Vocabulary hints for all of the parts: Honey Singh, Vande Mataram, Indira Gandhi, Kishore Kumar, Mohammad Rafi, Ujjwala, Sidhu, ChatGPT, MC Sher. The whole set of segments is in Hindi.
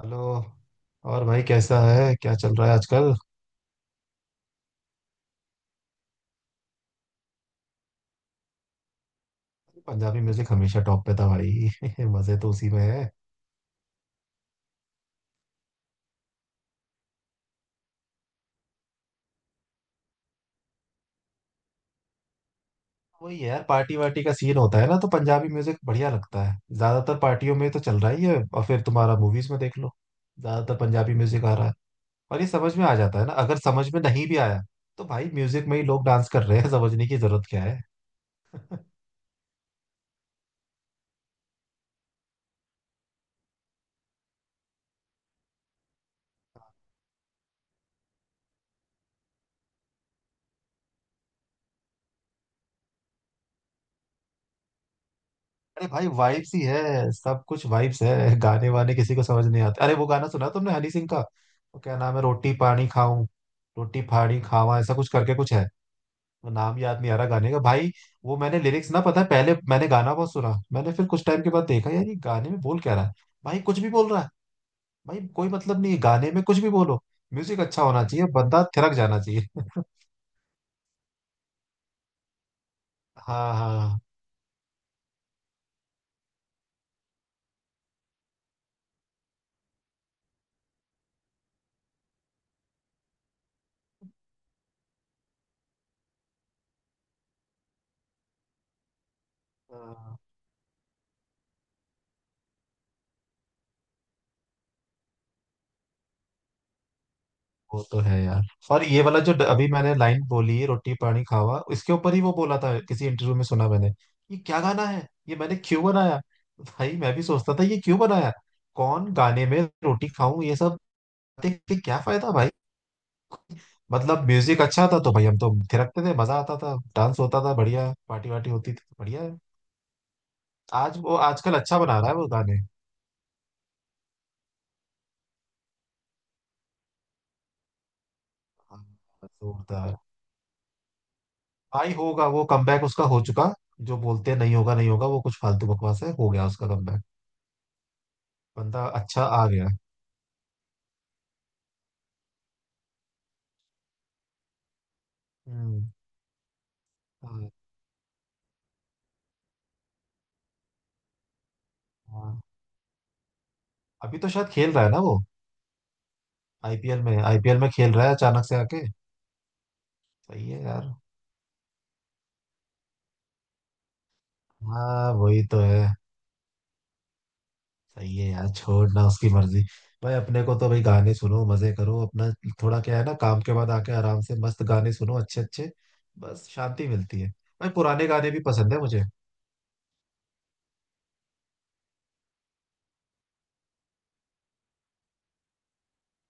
हेलो। और भाई कैसा है, क्या चल रहा है आजकल? पंजाबी म्यूजिक हमेशा टॉप पे था भाई मजे तो उसी में है। वही है यार, पार्टी वार्टी का सीन होता है ना, तो पंजाबी म्यूजिक बढ़िया लगता है, ज्यादातर पार्टियों में तो चल रहा ही है। और फिर तुम्हारा मूवीज में देख लो, ज्यादातर पंजाबी म्यूजिक आ रहा है। और ये समझ में आ जाता है ना, अगर समझ में नहीं भी आया तो भाई म्यूजिक में ही लोग डांस कर रहे हैं समझने की जरूरत क्या है। अरे भाई वाइब्स ही है, सब कुछ वाइब्स है, गाने वाने किसी को समझ नहीं आते। अरे वो गाना सुना तुमने हनी सिंह का, वो क्या नाम है, रोटी पानी खाऊं, रोटी फाड़ी खावा, ऐसा कुछ करके कुछ है। वो नाम याद नहीं आ रहा गाने का भाई। वो मैंने लिरिक्स ना पता है, पहले मैंने गाना बहुत सुना, मैंने फिर कुछ टाइम के बाद देखा यार ये गाने में बोल क्या रहा है। भाई कुछ भी बोल रहा है, भाई कोई मतलब नहीं है गाने में, कुछ भी बोलो म्यूजिक अच्छा होना चाहिए, बंदा थिरक जाना चाहिए। हाँ, हाँ, हाँ। वो तो है यार। और ये वाला जो अभी मैंने लाइन बोली, रोटी पानी खावा, इसके ऊपर ही वो बोला था किसी इंटरव्यू में, सुना मैंने। ये क्या गाना है, ये मैंने क्यों बनाया। भाई मैं भी सोचता था ये क्यों बनाया। कौन गाने में रोटी खाऊं ये सब, देख के क्या फायदा भाई। मतलब म्यूजिक अच्छा था तो भाई हम तो थिरकते थे, मजा आता था, डांस होता था बढ़िया, पार्टी वार्टी होती थी, बढ़िया है। आज वो आजकल अच्छा बना रहा है वो गाने। हाँ, जोरदार। भाई होगा, वो कमबैक उसका हो चुका। जो बोलते हैं नहीं होगा नहीं होगा, वो कुछ फालतू बकवास है, हो गया उसका कमबैक। बंदा अच्छा आ गया। हम्म। हाँ। हाँ। अभी तो शायद खेल रहा है ना वो। आईपीएल में खेल रहा है अचानक से आके। सही है यार। हाँ वही तो है। सही है यार, छोड़ना उसकी मर्जी। भाई अपने को तो भाई गाने सुनो, मजे करो अपना। थोड़ा क्या है ना, काम के बाद आके आराम से मस्त गाने सुनो अच्छे अच्छे। बस शांति मिलती है। भाई पुराने गाने भी पसंद है मुझे।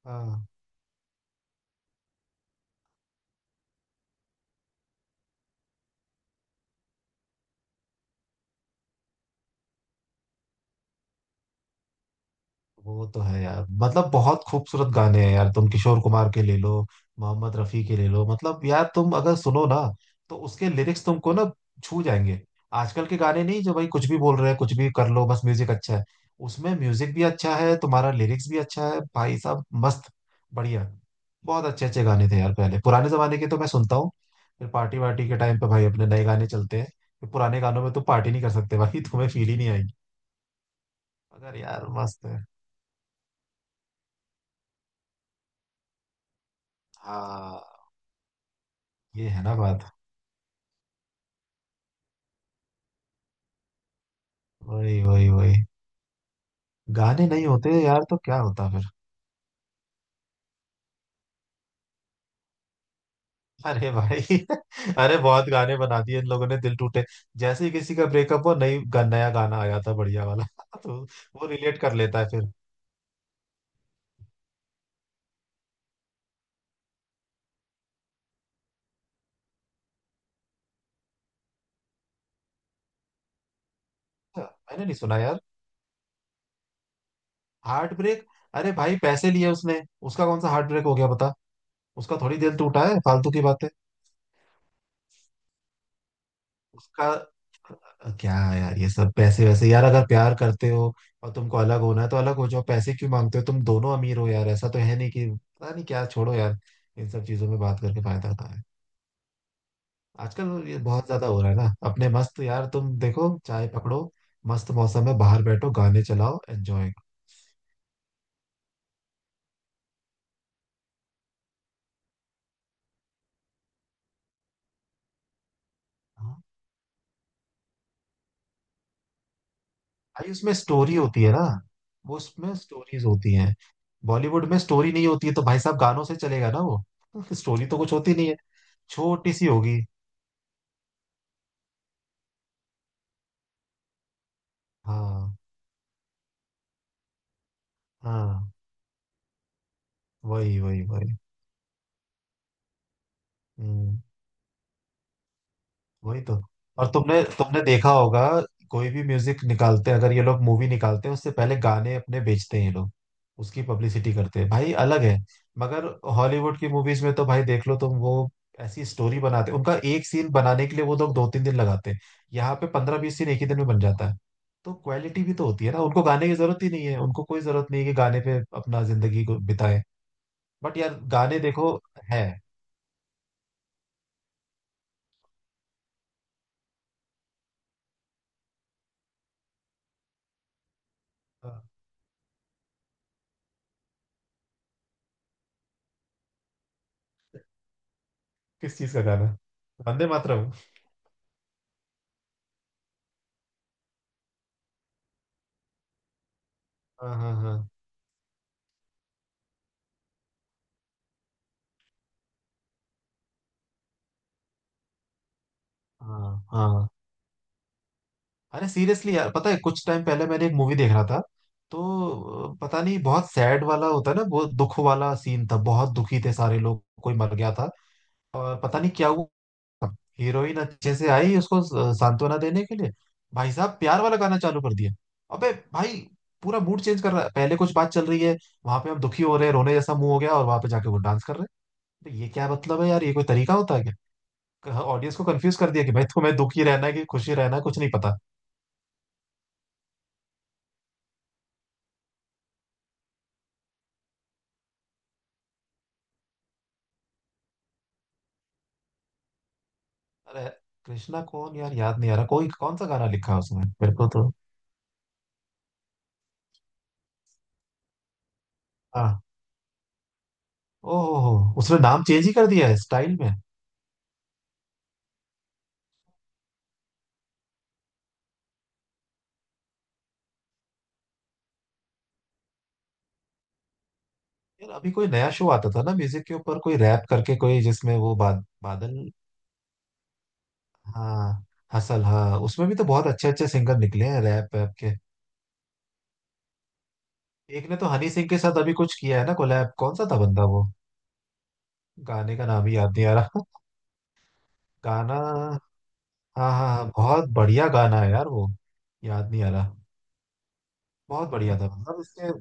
हाँ। वो तो है यार, मतलब बहुत खूबसूरत गाने हैं यार, तुम किशोर कुमार के ले लो, मोहम्मद रफी के ले लो, मतलब यार तुम अगर सुनो ना तो उसके लिरिक्स तुमको ना छू जाएंगे। आजकल के गाने नहीं, जो भाई कुछ भी बोल रहे हैं, कुछ भी कर लो बस म्यूजिक अच्छा है। उसमें म्यूजिक भी अच्छा है, तुम्हारा लिरिक्स भी अच्छा है भाई साहब, मस्त, बढ़िया। बहुत अच्छे अच्छे गाने थे यार पहले पुराने जमाने के, तो मैं सुनता हूँ। फिर पार्टी वार्टी के टाइम पे भाई अपने नए गाने चलते हैं। फिर पुराने गानों में तुम पार्टी नहीं कर सकते भाई तुम्हें फील ही नहीं आएगी। अगर यार मस्त है। हाँ, ये है ना बात। वही वही वही। गाने नहीं होते यार तो क्या होता फिर। अरे भाई अरे बहुत गाने बना दिए इन लोगों ने दिल टूटे। जैसे ही किसी का ब्रेकअप हो, नया गाना आ जाता है बढ़िया वाला तो वो रिलेट कर लेता है फिर। मैंने नहीं सुना यार। हार्ट ब्रेक, अरे भाई पैसे लिए उसने, उसका कौन सा हार्ट ब्रेक हो गया बता। उसका थोड़ी दिल टूटा है, फालतू की बातें। उसका क्या है यार ये सब पैसे वैसे, यार अगर प्यार करते हो और तुमको अलग होना है तो अलग हो जाओ, पैसे क्यों मांगते हो, तुम दोनों अमीर हो यार, ऐसा तो है नहीं कि पता नहीं क्या, छोड़ो यार, इन सब चीजों में बात करके फायदा होता है। आजकल ये बहुत ज्यादा हो रहा है ना, अपने मस्त यार, तुम देखो चाय पकड़ो, मस्त मौसम में बाहर बैठो, गाने चलाओ, एंजॉय करो। भाई उसमें स्टोरी होती है ना, वो उसमें स्टोरीज होती हैं। बॉलीवुड में स्टोरी नहीं होती है तो भाई साहब गानों से चलेगा ना वो। स्टोरी तो कुछ होती नहीं है, छोटी सी होगी। हाँ, हाँ। वही वही वही। हम्म, वही तो। और तुमने तुमने देखा होगा, कोई भी म्यूजिक निकालते हैं, अगर ये लोग मूवी निकालते हैं उससे पहले गाने अपने बेचते हैं ये लोग, उसकी पब्लिसिटी करते हैं भाई, अलग है। मगर हॉलीवुड की मूवीज में तो भाई देख लो तुम वो, ऐसी स्टोरी बनाते हैं, उनका एक सीन बनाने के लिए वो लोग दो तीन दिन लगाते हैं। यहाँ पे पंद्रह बीस सीन एक ही दिन में बन जाता है। तो क्वालिटी भी तो होती है ना, उनको गाने की जरूरत ही नहीं है, उनको कोई जरूरत नहीं है कि गाने पे अपना जिंदगी को बिताए। बट यार गाने देखो, है। किस चीज का गाना, वंदे मातरम। हाँ हाँ हाँ, हाँ हाँ। अरे सीरियसली यार, पता है कुछ टाइम पहले मैंने एक मूवी देख रहा था तो पता नहीं, बहुत सैड वाला होता है ना, बहुत दुख वाला सीन था, बहुत दुखी थे सारे लोग, कोई मर गया था और पता नहीं क्या हुआ। हीरोइन अच्छे से आई उसको सांत्वना देने के लिए, भाई साहब प्यार वाला गाना चालू कर दिया। अबे भाई पूरा मूड चेंज कर रहा है, पहले कुछ बात चल रही है, वहां पे हम दुखी हो रहे हैं, रोने जैसा मुंह हो गया, और वहां पे जाके वो डांस कर रहे हैं। तो ये क्या मतलब है यार, ये कोई तरीका होता है? ऑडियंस को कंफ्यूज कर दिया कि भाई तुम्हें दुखी रहना है कि खुशी रहना है, कुछ नहीं पता। अरे कृष्णा कौन यार, याद नहीं आ रहा, कोई कौन सा गाना लिखा है उसमें, मेरे को तो। हाँ। ओहो, उसने नाम चेंज ही कर दिया है स्टाइल में। यार अभी कोई नया शो आता था ना म्यूजिक के ऊपर, कोई रैप करके कोई, जिसमें वो बादल। हाँ, हसल, हाँ, उसमें भी तो बहुत अच्छे अच्छे सिंगर निकले हैं रैप वैप के। एक ने तो हनी सिंह के साथ अभी कुछ किया है ना कोलैब, कौन सा था बंदा वो, गाने का नाम ही याद नहीं आ रहा। गाना, हाँ हाँ हाँ, बहुत बढ़िया गाना है यार वो, याद नहीं आ रहा। बहुत बढ़िया था मतलब इसके।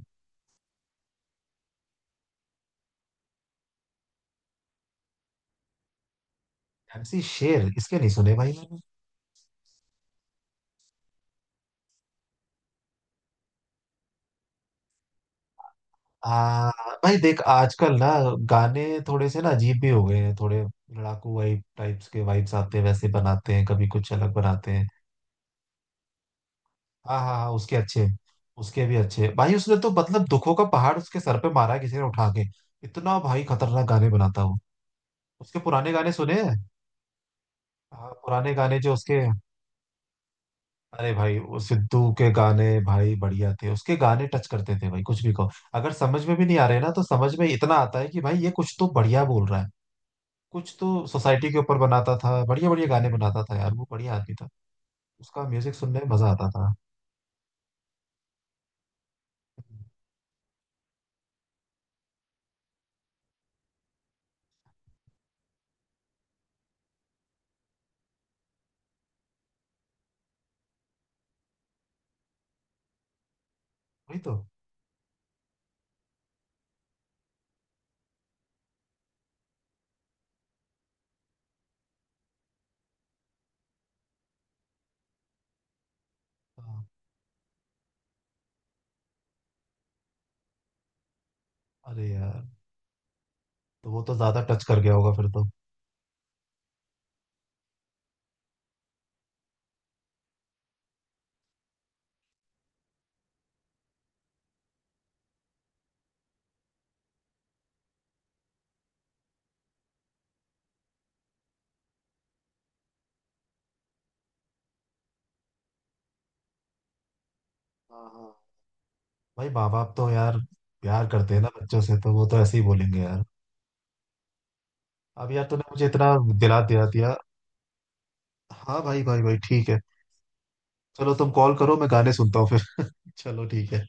एमसी शेर, इसके नहीं सुने भाई मैंने। आ, भाई देख आजकल ना गाने थोड़े से ना अजीब भी हो गए हैं, थोड़े लड़ाकू वाइब टाइप्स के वाइब्स आते हैं, वैसे बनाते हैं, कभी कुछ अलग बनाते हैं। हाँ, हाँ हाँ, उसके अच्छे, उसके भी अच्छे भाई, उसने तो मतलब दुखों का पहाड़ उसके सर पे मारा है किसी ने उठा के, इतना भाई खतरनाक गाने बनाता हूँ। उसके पुराने गाने सुने हैं। हाँ पुराने गाने जो उसके, अरे भाई वो सिद्धू के गाने भाई बढ़िया थे, उसके गाने टच करते थे भाई, कुछ भी कहो अगर समझ में भी नहीं आ रहे ना तो समझ में इतना आता है कि भाई ये कुछ तो बढ़िया बोल रहा है। कुछ तो सोसाइटी के ऊपर बनाता था, बढ़िया बढ़िया गाने बनाता था यार, वो बढ़िया आदमी था, उसका म्यूजिक सुनने में मजा आता था। वही तो। हाँ। अरे यार, तो वो तो ज्यादा टच कर गया होगा फिर तो। हाँ। हाँ। भाई माँ बाप तो यार प्यार करते हैं ना बच्चों से, तो वो तो ऐसे ही बोलेंगे यार। अब यार तूने मुझे इतना दिला दिया दिया। हाँ भाई भाई भाई, ठीक है। चलो तुम कॉल करो, मैं गाने सुनता हूँ फिर। चलो ठीक है।